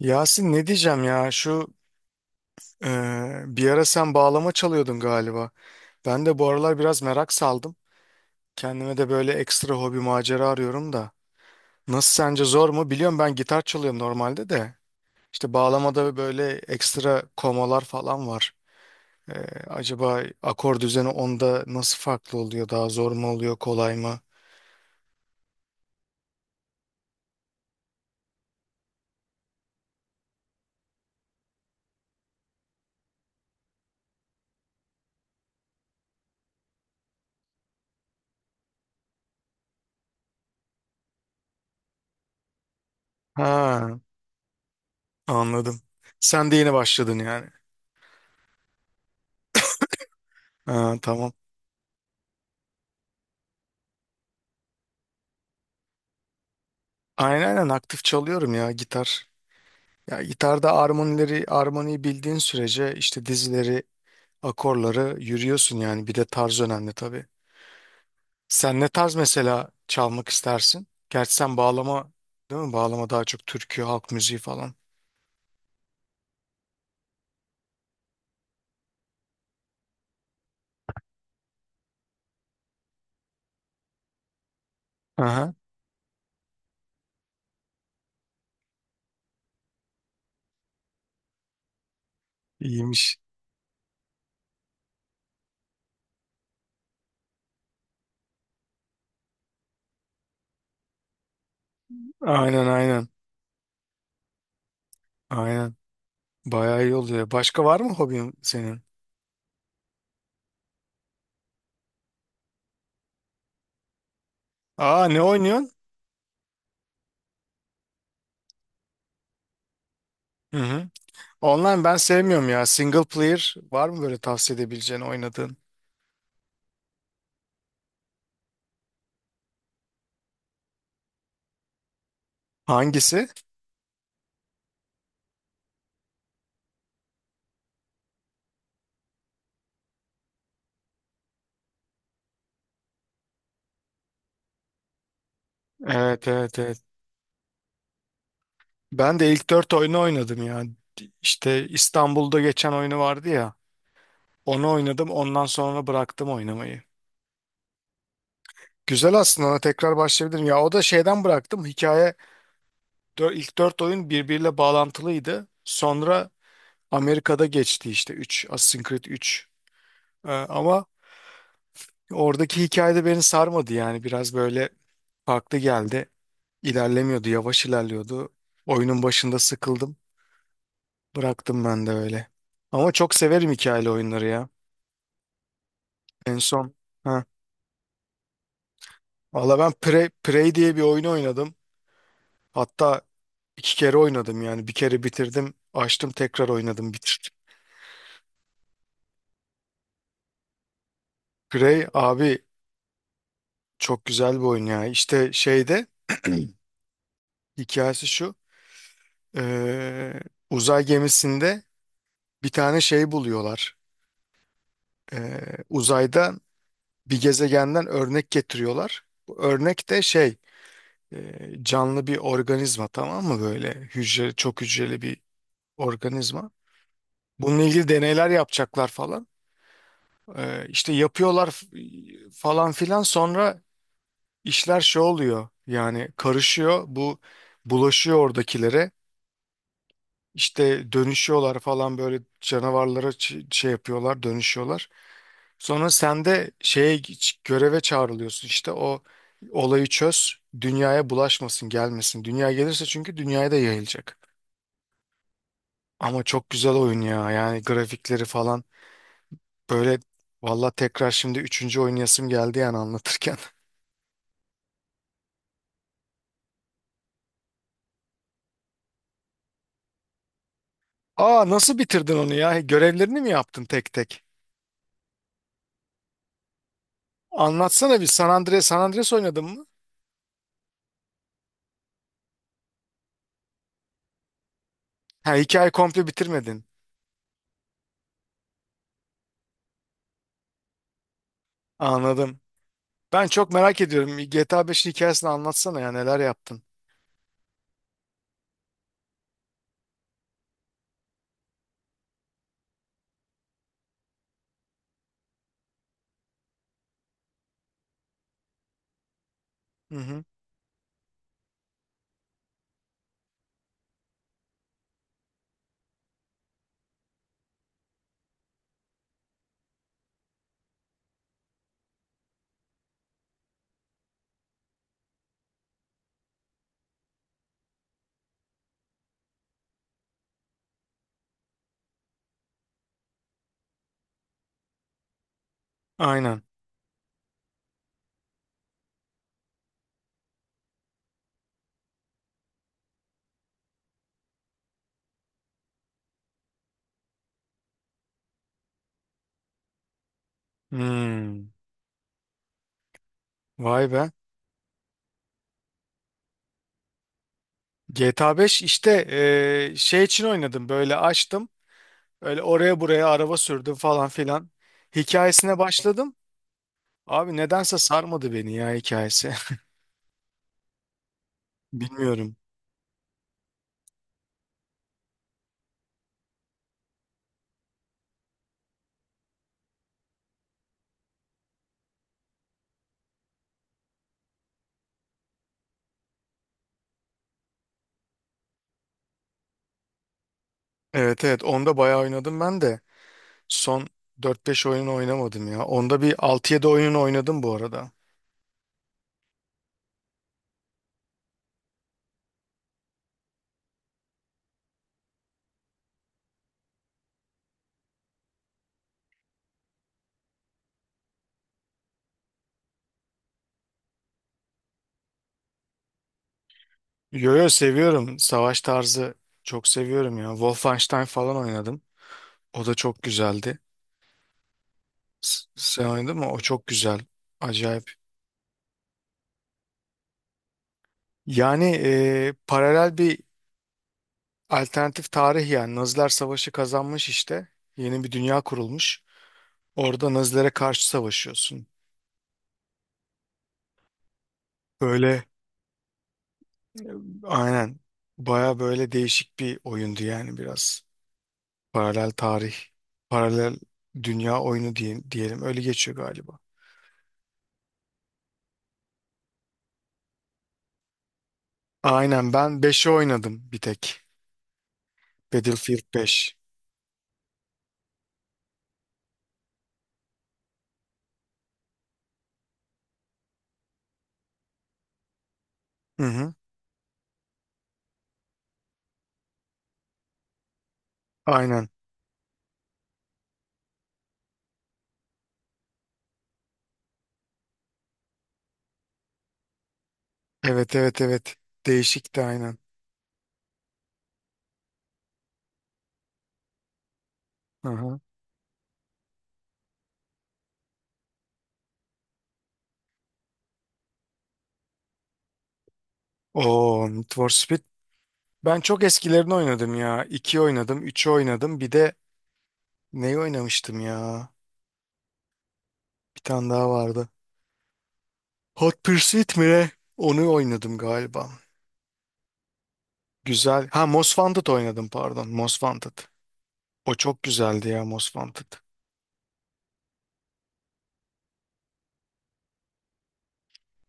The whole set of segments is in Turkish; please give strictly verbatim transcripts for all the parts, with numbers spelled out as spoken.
Yasin ne diyeceğim ya şu e, bir ara sen bağlama çalıyordun galiba. Ben de bu aralar biraz merak saldım. Kendime de böyle ekstra hobi macera arıyorum da. Nasıl sence zor mu? Biliyorum ben gitar çalıyorum normalde de. İşte bağlamada böyle ekstra komalar falan var. E, acaba akor düzeni onda nasıl farklı oluyor? Daha zor mu oluyor? Kolay mı? Ha, anladım. Sen de yeni başladın yani. Ha, tamam. Aynen aynen aktif çalıyorum ya gitar. Ya gitarda armonileri, armoniyi bildiğin sürece işte dizileri, akorları yürüyorsun yani. Bir de tarz önemli tabii. Sen ne tarz mesela çalmak istersin? Gerçi sen bağlama, değil mi? Bağlama daha çok türkü, halk müziği falan. Aha, iyiymiş. Aynen aynen. Aynen. Bayağı iyi oluyor. Başka var mı hobin senin? Aa, ne oynuyorsun? Hı hı. Online ben sevmiyorum ya. Single player var mı böyle tavsiye edebileceğin oynadığın? Hangisi? Evet evet evet. Ben de ilk dört oyunu oynadım ya. İşte İstanbul'da geçen oyunu vardı ya. Onu oynadım. Ondan sonra bıraktım oynamayı. Güzel aslında. Ona tekrar başlayabilirim. Ya o da şeyden bıraktım. Hikaye dö- ilk dört oyun birbiriyle bağlantılıydı. Sonra Amerika'da geçti işte üç, Assassin's Creed üç. Ee, ama oradaki hikayede beni sarmadı yani. Biraz böyle farklı geldi. İlerlemiyordu. Yavaş ilerliyordu. Oyunun başında sıkıldım. Bıraktım ben de öyle. Ama çok severim hikayeli oyunları ya. En son. Ha. Valla ben Prey, Prey diye bir oyunu oynadım. Hatta iki kere oynadım yani. Bir kere bitirdim. Açtım tekrar oynadım bitirdim. Prey abi çok güzel bir oyun ya. İşte şeyde hikayesi şu. Ee, uzay gemisinde bir tane şey buluyorlar. Ee, uzayda bir gezegenden örnek getiriyorlar. Bu örnek de şey, e, canlı bir organizma, tamam mı, böyle hücre, çok hücreli bir organizma. Bununla ilgili deneyler yapacaklar falan. Ee, işte yapıyorlar f- falan filan, sonra işler şey oluyor yani, karışıyor bu, bulaşıyor oradakilere, işte dönüşüyorlar falan böyle canavarlara, ç- şey yapıyorlar, dönüşüyorlar. Sonra sen de şeye ç- göreve çağrılıyorsun işte, o olayı çöz, dünyaya bulaşmasın, gelmesin, dünya gelirse çünkü dünyaya da yayılacak. Ama çok güzel oyun ya, yani grafikleri falan böyle. Valla tekrar şimdi üçüncü oynayasım geldi yani anlatırken. Aa, nasıl bitirdin onu ya? Görevlerini mi yaptın tek tek? Anlatsana bir, San Andreas, San Andreas oynadın mı? Ha, hikaye komple bitirmedin. Anladım. Ben çok merak ediyorum. G T A beşin hikayesini anlatsana ya, neler yaptın? Hı hı. Aynen. Hmm. Vay be. G T A beş işte eee, şey için oynadım, böyle açtım. Öyle oraya buraya araba sürdüm falan filan. Hikayesine başladım. Abi nedense sarmadı beni ya hikayesi. Bilmiyorum. Evet evet, onda bayağı oynadım ben de. Son dört beş oyun oynamadım ya. Onda bir altı yedi oyun oynadım bu arada. Yo yo, seviyorum. Savaş tarzı çok seviyorum ya. Wolfenstein falan oynadım. O da çok güzeldi. S- Sen oynadın mı? O çok güzel. Acayip. Yani e, paralel bir, alternatif tarih yani. Naziler savaşı kazanmış işte. Yeni bir dünya kurulmuş. Orada Nazilere karşı savaşıyorsun. Böyle e, aynen. Baya böyle değişik bir oyundu yani biraz. Paralel tarih, paralel dünya oyunu diye- diyelim. Öyle geçiyor galiba. Aynen, ben beşi oynadım bir tek. Battlefield beş. Hı hı. Aynen. Evet evet evet. Değişikti aynen. Hı hı. Oo, Need for Speed. Ben çok eskilerini oynadım ya. iki oynadım, üçü oynadım. Bir de neyi oynamıştım ya? Bir tane daha vardı. Hot Pursuit mi ne? Onu oynadım galiba. Güzel. Ha, Most Wanted oynadım, pardon. Most Wanted. O çok güzeldi ya, Most Wanted.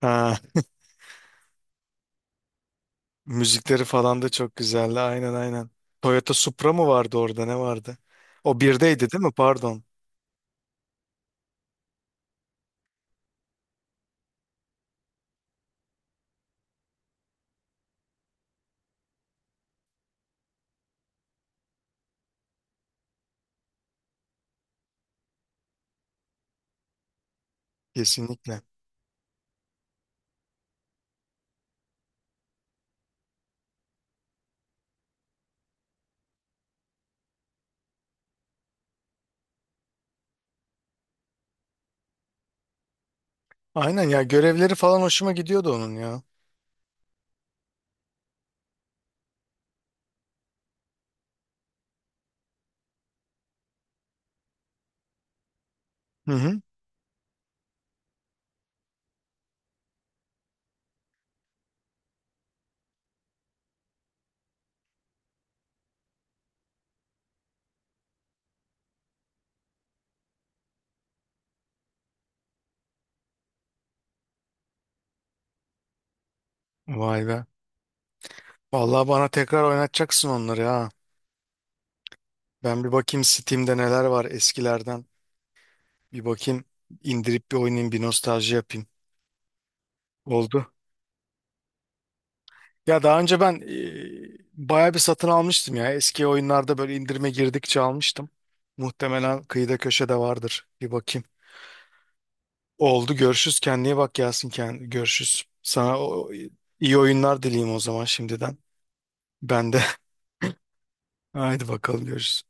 Ha. Müzikleri falan da çok güzeldi. Aynen aynen. Toyota Supra mı vardı orada, ne vardı? O birdeydi değil mi? Pardon. Kesinlikle. Aynen ya, görevleri falan hoşuma gidiyordu onun ya. Hı hı. Vay be. Vallahi bana tekrar oynatacaksın onları ha. Ben bir bakayım Steam'de neler var eskilerden. Bir bakayım, indirip bir oynayayım, bir nostalji yapayım. Oldu. Ya daha önce ben e, bayağı bir satın almıştım ya. Eski oyunlarda böyle indirime girdikçe almıştım. Muhtemelen kıyıda köşede vardır. Bir bakayım. Oldu, görüşürüz. Kendine iyi bak Yasin. Kend görüşürüz. Sana o- iyi oyunlar dileyim o zaman şimdiden. Ben de. Haydi bakalım, görüşürüz.